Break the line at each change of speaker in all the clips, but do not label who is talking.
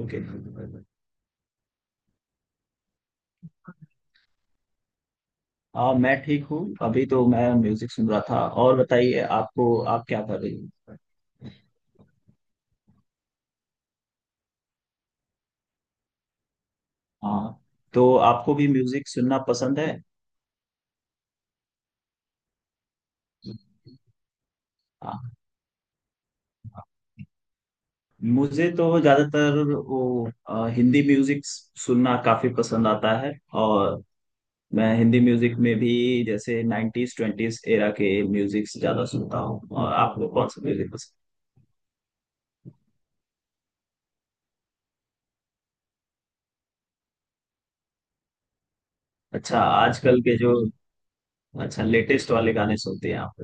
Okay. मैं ठीक हूँ। अभी तो मैं म्यूजिक सुन रहा था। और बताइए, आपको, आप क्या कर रही हो? हाँ। तो आपको भी म्यूजिक सुनना पसंद है? हाँ। हाँ। मुझे तो ज्यादातर वो हिंदी म्यूजिक सुनना काफी पसंद आता है। और मैं हिंदी म्यूजिक में भी जैसे 90s 20s एरा के म्यूजिक ज्यादा सुनता हूँ। और आपको कौन सा म्यूजिक पसंद? अच्छा, आजकल के जो अच्छा, लेटेस्ट वाले गाने सुनते हैं आप?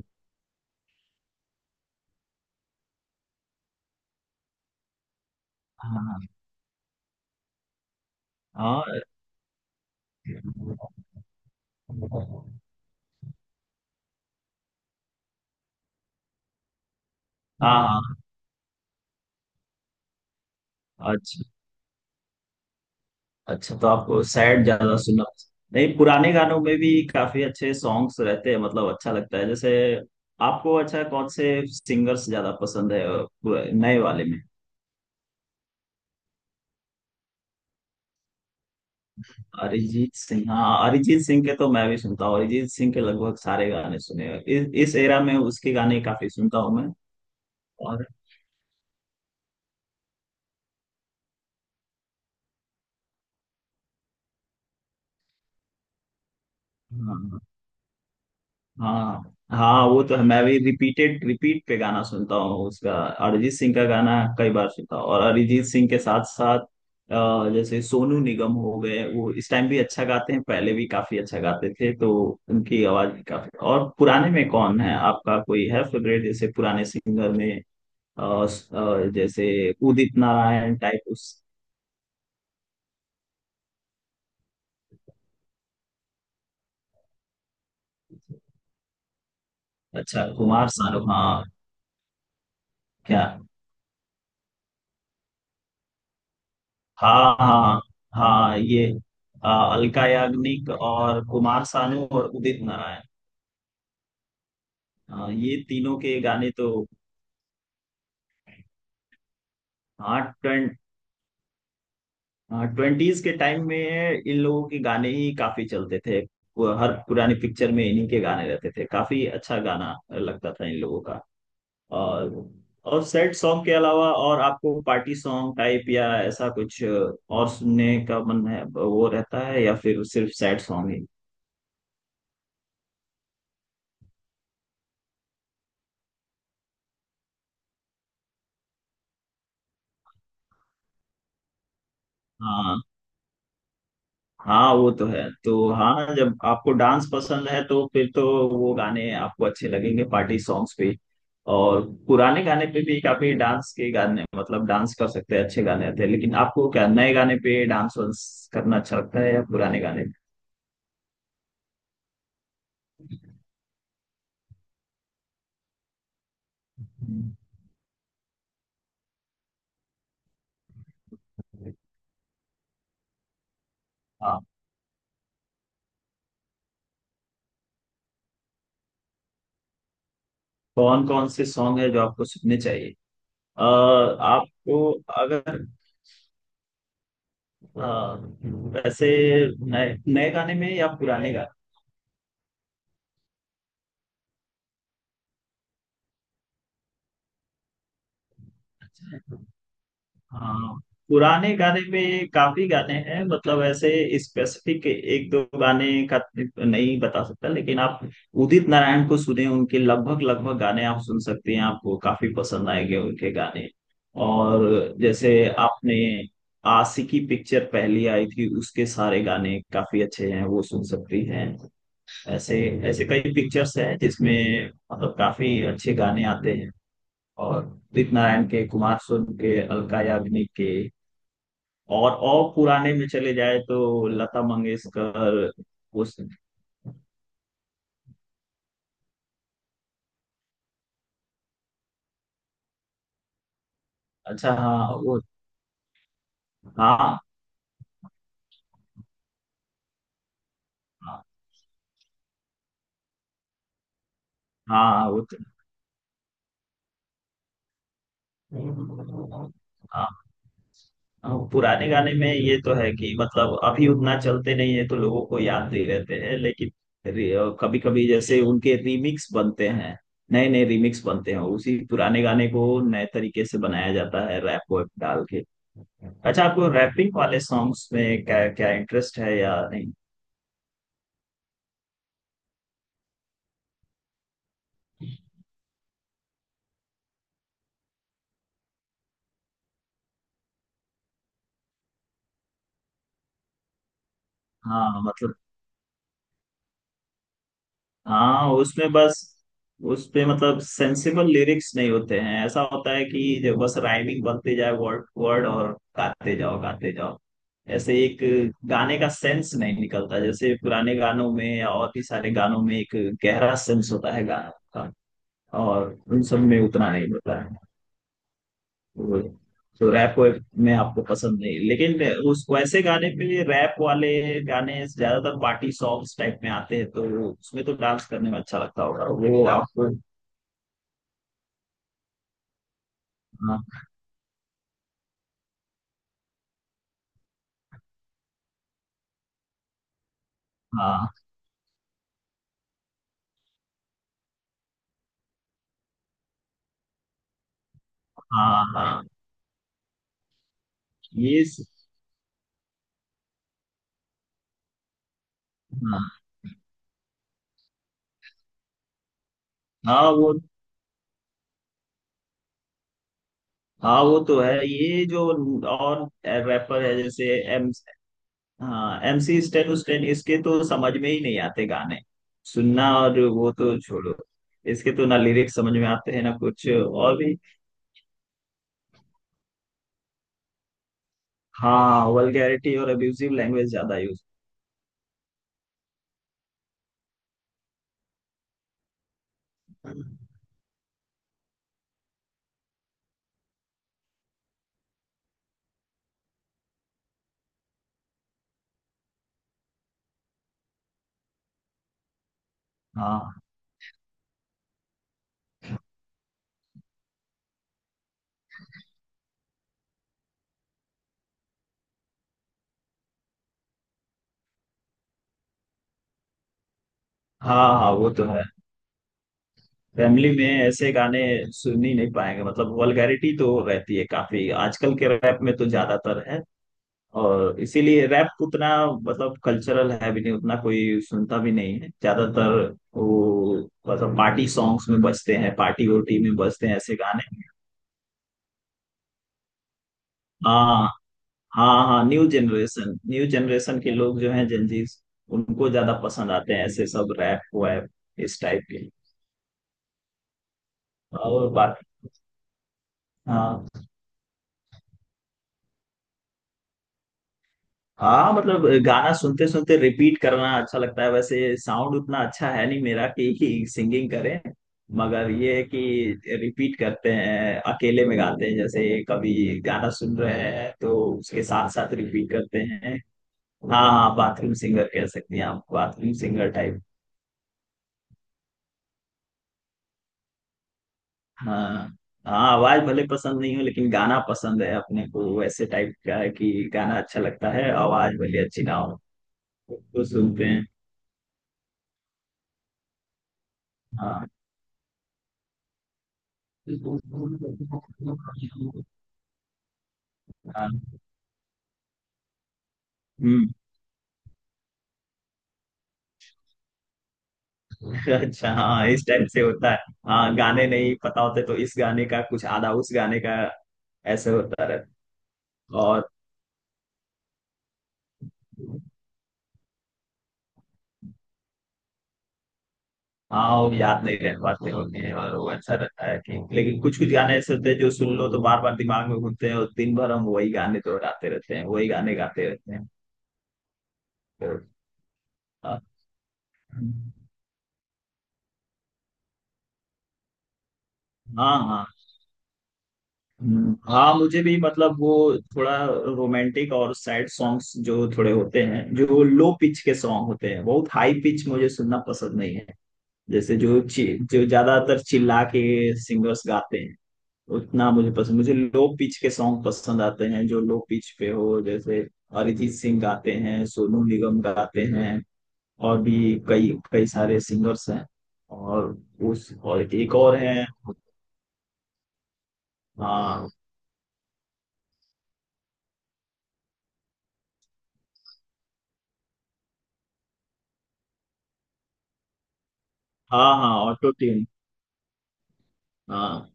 हाँ, हाँ। हाँ, हाँ। अच्छा। अच्छा, तो आपको सैड ज्यादा सुनना पसंद- नहीं, पुराने गानों में भी काफी अच्छे सॉन्ग्स रहते हैं, मतलब अच्छा लगता है जैसे। आपको अच्छा, कौन से सिंगर्स ज्यादा पसंद है? नए वाले में? अरिजीत सिंह। हाँ, अरिजीत सिंह के तो मैं भी सुनता हूँ। अरिजीत सिंह के लगभग सारे गाने सुने हैं। इस एरा में उसके गाने काफी सुनता हूँ मैं। और, हाँ, हाँ। हाँ, हाँ, वो तो है। मैं भी रिपीट पे गाना सुनता हूँ उसका। अरिजीत सिंह का गाना कई बार सुनता हूँ। और अरिजीत सिंह के साथ साथ जैसे सोनू निगम हो गए, वो इस टाइम भी अच्छा गाते हैं, पहले भी काफी अच्छा गाते थे। तो उनकी आवाज भी काफी। और पुराने में कौन है आपका? कोई है फेवरेट? जैसे पुराने सिंगर में? अ, जैसे उदित नारायण टाइप उस। अच्छा, कुमार शानू, हाँ। क्या? हाँ, हाँ। हाँ, ये अलका याग्निक और कुमार सानू और उदित नारायण। हाँ, ये तीनों के गाने तो, हाँ, ट्वेंटीज के टाइम में इन लोगों के गाने ही काफी चलते थे। वो हर पुरानी पिक्चर में इन्हीं के गाने रहते थे। काफी अच्छा गाना लगता था इन लोगों का। और और सैड सॉन्ग के अलावा और आपको पार्टी सॉन्ग टाइप या ऐसा कुछ और सुनने का मन है? वो रहता है या फिर सिर्फ सैड सॉन्ग ही? हाँ। हाँ, वो तो है। तो हाँ, जब आपको डांस पसंद है तो फिर तो वो गाने आपको अच्छे लगेंगे, पार्टी सॉन्ग्स पे। और पुराने गाने पे भी काफी डांस के गाने, मतलब डांस कर सकते हैं, अच्छे गाने आते हैं। लेकिन आपको क्या नए गाने पे डांस वांस करना अच्छा लगता है या पुराने गाने पे? हाँ, कौन कौन से सॉन्ग है जो आपको सुनने चाहिए? आपको, अगर, अ, वैसे, नए नए गाने में या पुराने गाने? हाँ, पुराने गाने में काफी गाने हैं, मतलब ऐसे स्पेसिफिक एक दो गाने का नहीं बता सकता, लेकिन आप उदित नारायण को सुने, उनके लगभग लगभग गाने आप सुन सकते हैं, आपको काफी पसंद आएंगे उनके गाने। और जैसे आपने आशिकी पिक्चर पहली आई थी, उसके सारे गाने काफी अच्छे हैं, वो सुन सकती हैं। ऐसे ऐसे कई पिक्चर्स हैं जिसमें मतलब काफी अच्छे गाने आते हैं। और उदित नारायण के, कुमार सोनू के, अलका याग्निक के, और पुराने में चले जाए तो लता मंगेशकर। उस, अच्छा, हाँ, वो। हाँ, हाँ, वो तो- हाँ, हाँ, पुराने गाने में ये तो है कि मतलब अभी उतना चलते नहीं है, तो लोगों को याद नहीं रहते हैं, लेकिन कभी कभी जैसे उनके रीमिक्स बनते हैं, नए नए रीमिक्स बनते हैं, उसी पुराने गाने को नए तरीके से बनाया जाता है, रैप वैप डाल के। अच्छा, आपको रैपिंग वाले सॉन्ग्स में क्या क्या इंटरेस्ट है या नहीं? हाँ, मतलब, हाँ, उसमें बस, उस पे मतलब सेंसिबल लिरिक्स नहीं होते हैं, ऐसा होता है कि जो बस राइमिंग बनते जाए, वर्ड वर्ड, और गाते जाओ, गाते जाओ। ऐसे एक गाने का सेंस नहीं निकलता। जैसे पुराने गानों में या और भी सारे गानों में एक गहरा सेंस होता है गानों का। और उन सब में उतना नहीं होता है, वो- तो रैप में आपको पसंद नहीं, लेकिन उस, वैसे गाने पे रैप वाले गाने ज्यादातर पार्टी सॉन्ग्स टाइप में आते हैं, तो वो- उसमें तो डांस करने में अच्छा लगता होगा, वो एकदम आपको। हाँ, हाँ। हाँ, हाँ, ये स- हाँ, हाँ, वो, हाँ, वो तो है ये जो। और रैपर है जैसे एम, हाँ, एम सी स्टैन उस्टैन, इसके तो समझ में ही नहीं आते गाने सुनना। और वो तो छोड़ो, इसके तो ना लिरिक्स समझ में आते हैं, ना कुछ और भी। हाँ, वल्गैरिटी और अब्यूजिव लैंग्वेज ज्यादा यूज। हाँ, हाँ, हाँ, वो तो है। फैमिली में ऐसे गाने सुन ही नहीं पाएंगे, मतलब वल्गैरिटी तो रहती है काफी, आजकल के रैप में तो ज्यादातर है। और इसीलिए रैप उतना, मतलब कल्चरल है भी नहीं उतना, कोई सुनता भी नहीं है ज्यादातर वो, मतलब पार्टी सॉन्ग्स में बजते हैं, पार्टी वोटी में बजते हैं ऐसे गाने। हाँ, हाँ, हाँ, न्यू जनरेशन, न्यू जनरेशन के लोग जो हैं, जेंजीज, उनको ज्यादा पसंद आते हैं ऐसे सब रैप वैप, इस टाइप के। और बात। हाँ, हाँ, मतलब गाना सुनते सुनते रिपीट करना अच्छा लगता है। वैसे साउंड उतना अच्छा है नहीं मेरा कि सिंगिंग करें, मगर ये है कि रिपीट करते हैं अकेले में, गाते हैं, जैसे कभी गाना सुन रहे हैं तो उसके साथ साथ रिपीट करते हैं। हाँ, हाँ, बाथरूम सिंगर कह सकते हैं आप, बाथरूम सिंगर टाइप। हाँ, हाँ, आवाज भले पसंद नहीं हो लेकिन गाना पसंद है अपने को, वैसे टाइप का है कि गाना अच्छा लगता है, आवाज भले अच्छी ना हो, उसको सुनते हैं। हाँ, हाँ, हम्म। अच्छा, हाँ, इस टाइप से होता है। हाँ, गाने नहीं पता होते तो इस गाने का कुछ आधा, उस गाने का, ऐसे होता रहता। और, हाँ, वो याद नहीं रह पाते होते हैं। और वो अच्छा रहता है कि, लेकिन कुछ कुछ गाने ऐसे होते हैं जो सुन लो तो बार बार दिमाग में घूमते हैं, और दिन भर हम वही गाने दोहराते रहते हैं, वही गाने गाते रहते हैं। तो हाँ, हाँ, हाँ। हाँ, मुझे भी, मतलब वो थोड़ा रोमांटिक और सैड सॉन्ग्स जो थोड़े होते हैं, जो लो पिच के सॉन्ग होते हैं। बहुत हाई पिच मुझे सुनना पसंद नहीं है। जैसे जो जो ज्यादातर चिल्ला के सिंगर्स गाते हैं, उतना मुझे पसंद। मुझे लो पिच के सॉन्ग पसंद आते हैं, जो लो पिच पे हो, जैसे अरिजीत सिंह गाते हैं, सोनू निगम गाते हैं, और भी कई कई सारे सिंगर्स हैं। और उस, और एक और है। हाँ, हाँ, हाँ, ऑटो ट्यून। हाँ,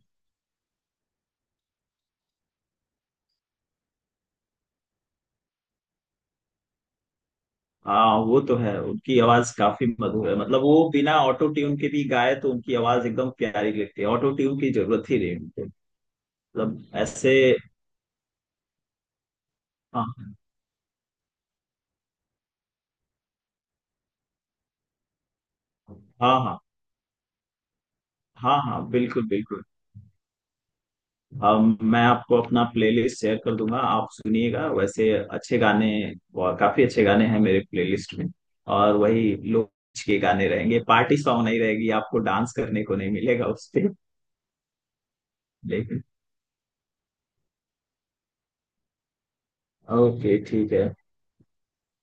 हाँ, वो तो है, उनकी आवाज काफी मधुर है, मतलब वो बिना ऑटो ट्यून के भी गाए तो उनकी आवाज एकदम प्यारी लगती है, ऑटो ट्यून की जरूरत ही नहीं उनको, मतलब ऐसे। हाँ, हाँ। हाँ, हाँ, हाँ, बिल्कुल, बिल्कुल। अब मैं आपको अपना प्लेलिस्ट शेयर कर दूंगा, आप सुनिएगा, वैसे अच्छे गाने, और काफी अच्छे गाने हैं मेरे प्लेलिस्ट में, और वही लोग के गाने रहेंगे, पार्टी सॉन्ग नहीं रहेगी, आपको डांस करने को नहीं मिलेगा उस पे, लेकिन ओके, ठीक है।